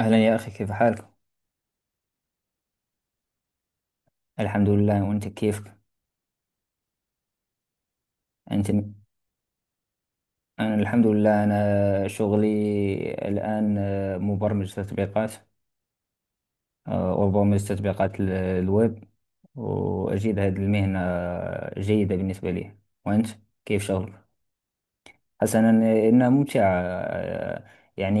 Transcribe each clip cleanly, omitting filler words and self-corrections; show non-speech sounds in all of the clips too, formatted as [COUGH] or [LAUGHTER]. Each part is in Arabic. أهلا يا أخي، كيف حالك؟ الحمد لله، وأنت كيفك؟ أنت أنا الحمد لله. أنا شغلي الآن مبرمج تطبيقات. وبرمج تطبيقات الويب، وأجد هذه المهنة جيدة بالنسبة لي. وأنت كيف شغلك؟ حسنا، إنه ممتع. يعني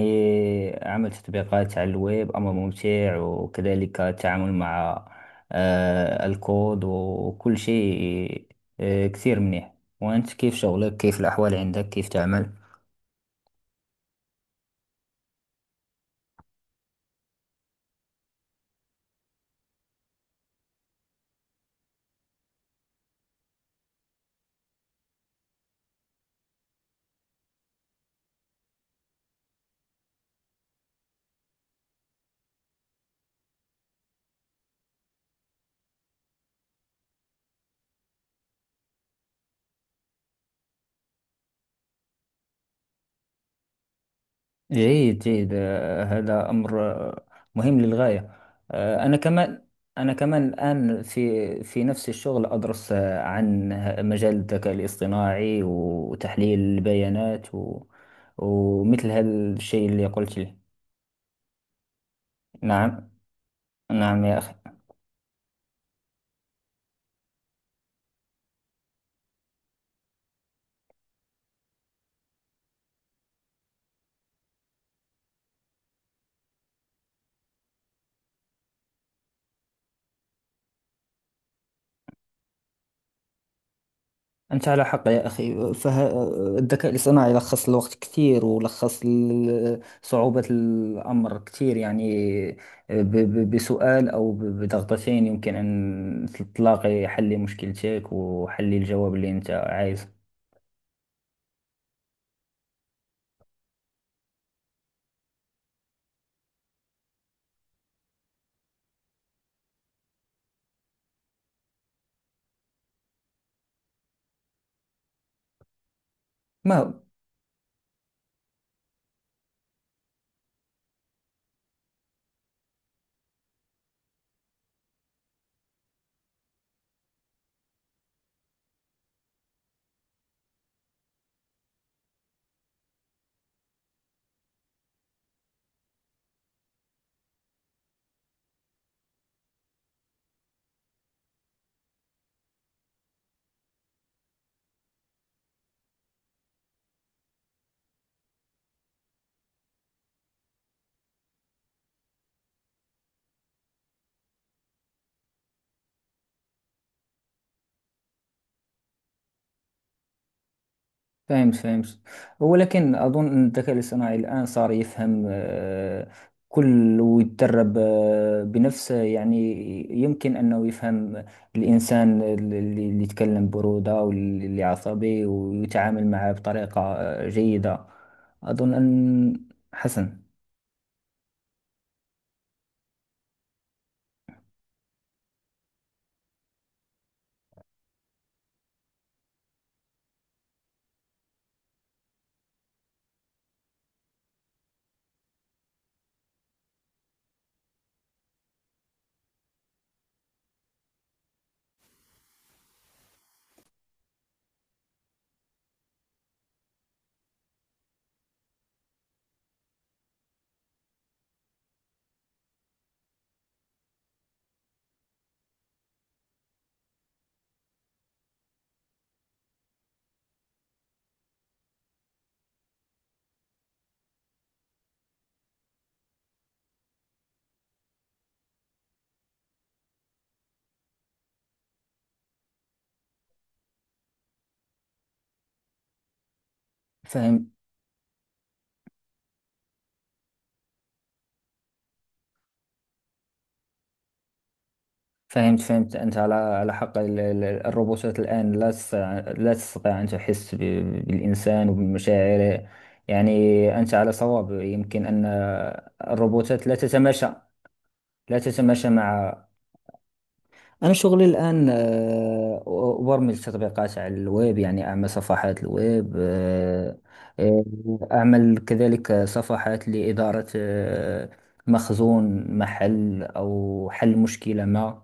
عمل تطبيقات على الويب أمر ممتع، وكذلك التعامل مع الكود وكل شيء. كثير منيح. وأنت كيف شغلك، كيف الأحوال عندك، كيف تعمل؟ جيد جيد، هذا أمر مهم للغاية. أنا كمان. الآن في نفس الشغل، أدرس عن مجال الذكاء الاصطناعي وتحليل البيانات، ومثل هذا الشيء اللي قلت لي. نعم، نعم يا أخي. أنت على حق يا أخي، فالذكاء الاصطناعي لخص الوقت كثير، ولخص صعوبة الأمر كثير. يعني بسؤال أو بضغطتين يمكن أن تلاقي حل لمشكلتك، وحل الجواب اللي أنت عايزه. ما هو. فهمت، فهمت، ولكن أظن أن الذكاء الاصطناعي الآن صار يفهم كل، ويتدرب بنفسه. يعني يمكن أنه يفهم الإنسان اللي يتكلم برودة، واللي عصبي، ويتعامل معه بطريقة جيدة. أظن أن. حسن. فهمت، فهمت، فهمت، أنت على حق. الروبوتات الآن لا تستطيع، لا تستطيع أن تحس بالإنسان وبمشاعره. يعني أنت على صواب. يمكن أن الروبوتات لا تتماشى، لا تتماشى مع... أنا شغلي الآن أبرمج تطبيقات على الويب، يعني أعمل صفحات الويب. آه، أعمل كذلك صفحات لإدارة مخزون محل، أو حل مشكلة ما.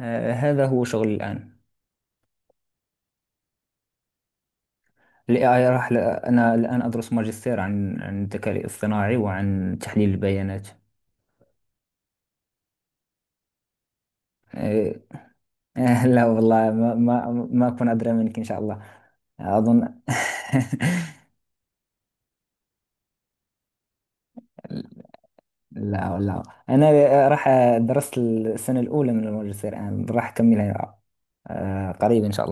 هذا هو شغلي الآن. ال AI أنا الآن أدرس ماجستير عن الذكاء الاصطناعي وعن تحليل البيانات. آه، [LAUGHS] لا والله، ما أكون أدرى منك إن شاء الله. أظن. [LAUGHS] لا، لا، انا راح درست السنه الاولى من الماجستير، الان راح اكملها قريب ان شاء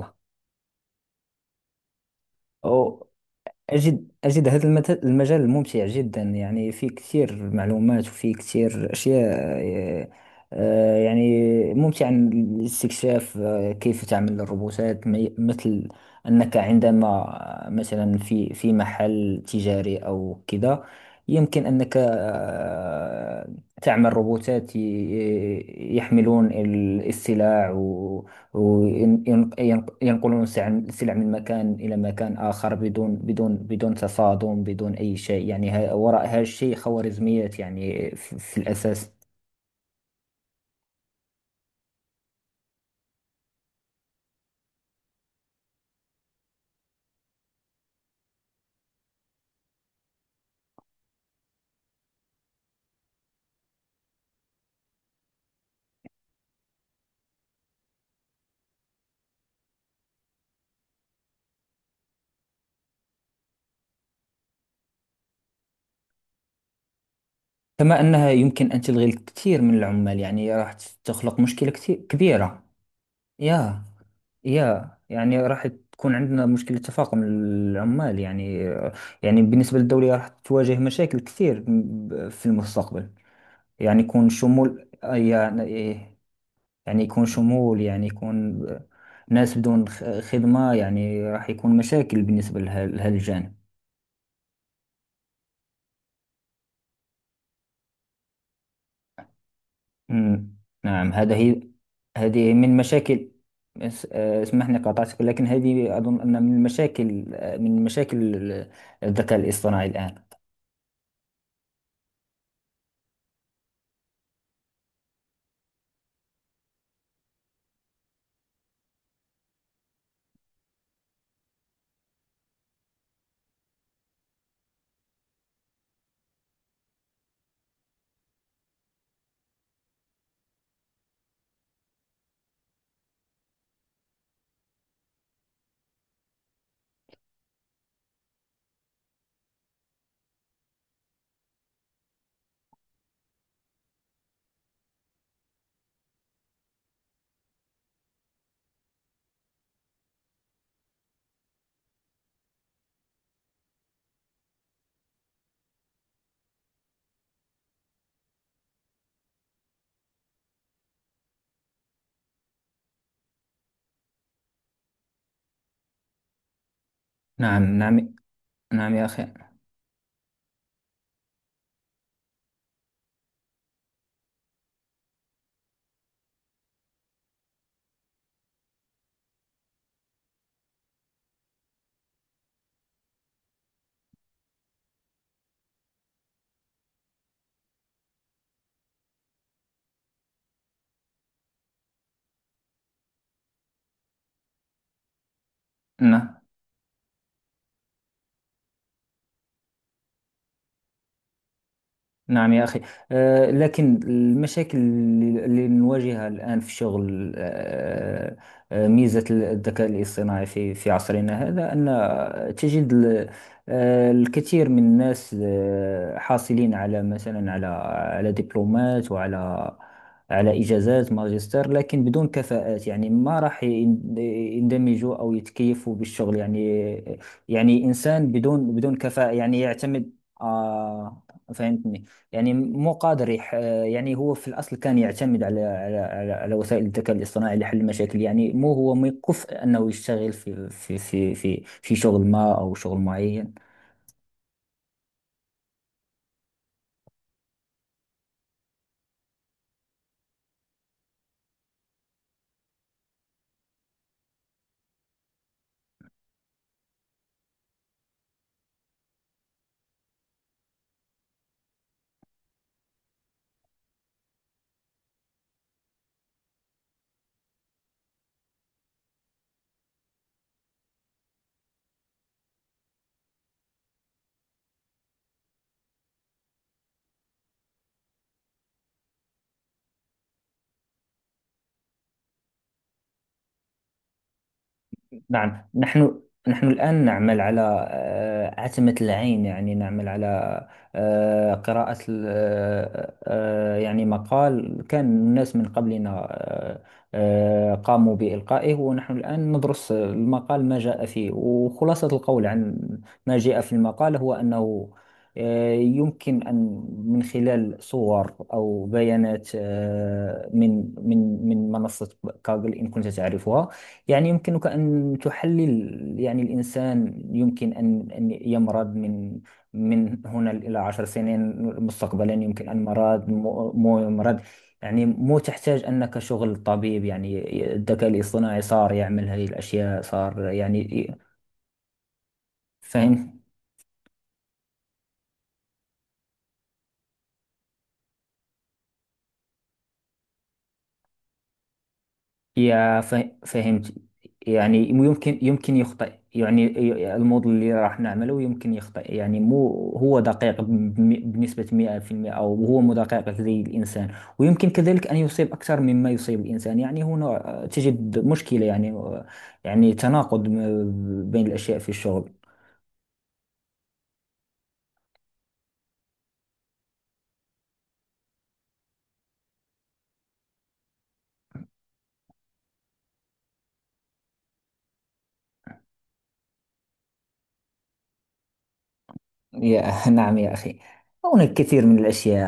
الله. أجد هذا المجال ممتع جدا. يعني فيه كثير معلومات، وفيه كثير أشياء. يعني ممتع الاستكشاف. كيف تعمل الروبوتات. مثل أنك عندما، مثلا في محل تجاري أو كذا، يمكن أنك تعمل روبوتات يحملون السلع، وينقلون السلع من مكان إلى مكان آخر بدون بدون تصادم، بدون أي شيء. يعني وراء هذا الشيء خوارزميات، يعني في الأساس. كما أنها يمكن أن تلغي الكثير من العمال. يعني راح تخلق مشكلة كثير كبيرة. يا يا يعني راح تكون عندنا مشكلة تفاقم العمال. يعني يعني بالنسبة للدولة راح تواجه مشاكل كثير في المستقبل. يعني يكون شمول. يعني يكون شمول، يعني يكون ناس بدون خدمة. يعني راح يكون مشاكل بالنسبة لهذا الجانب. مم. نعم، هذا هي. هذه من مشاكل. اسمحني، قاطعتك، لكن هذه أظن أن من المشاكل، من مشاكل الذكاء الاصطناعي الآن. نعم، نعم، نعم يا أخي. نعم، نعم يا أخي. لكن المشاكل اللي نواجهها الآن في شغل، ميزة الذكاء الاصطناعي في عصرنا هذا أن تجد الكثير من الناس، حاصلين على، مثلا، على على دبلومات، وعلى إجازات ماجستير، لكن بدون كفاءات. يعني ما راح يندمجوا أو يتكيفوا بالشغل. يعني يعني إنسان بدون كفاءة، يعني يعتمد. آه، فهمتني. يعني مو قادر يح... يعني هو في الأصل كان يعتمد على وسائل الذكاء الاصطناعي لحل المشاكل. يعني مو هو مكف أنه يشتغل في شغل ما أو شغل معين. نعم. نحن الآن نعمل على عتمة العين. يعني نعمل على قراءة يعني مقال كان الناس من قبلنا قاموا بإلقائه، ونحن الآن ندرس المقال ما جاء فيه. وخلاصة القول عن ما جاء في المقال هو أنه يمكن أن، من خلال صور أو بيانات من منصة كاغل، إن كنت تعرفها، يعني يمكنك أن تحلل. يعني الإنسان يمكن أن يمرض من هنا إلى 10 سنين مستقبلا. يمكن أن مرض، مو يمرض. يعني مو تحتاج أنك شغل طبيب. يعني الذكاء الاصطناعي صار يعمل هذه الأشياء، صار. يعني، فاهم. يا فهمت. يعني يمكن يخطئ، يعني الموديل اللي راح نعمله يمكن يخطئ. يعني مو هو دقيق بنسبة 100%، أو هو مو دقيق زي الإنسان، ويمكن كذلك أن يصيب أكثر مما يصيب الإنسان. يعني هنا تجد مشكلة. يعني يعني تناقض بين الأشياء في الشغل. يا [LAUGHS] نعم يا أخي، هناك كثير من الأشياء،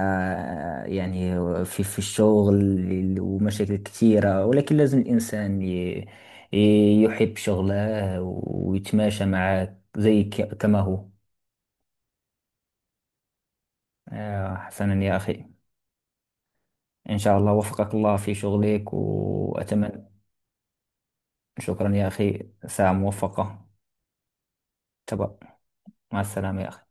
يعني في الشغل، ومشاكل كثيرة. ولكن لازم الإنسان يحب شغله، ويتماشى معه زي كما هو. حسنا يا أخي. إن شاء الله وفقك الله في شغلك، وأتمنى. شكرا يا أخي، ساعة موفقة. تبا. مع السلامة يا أخي.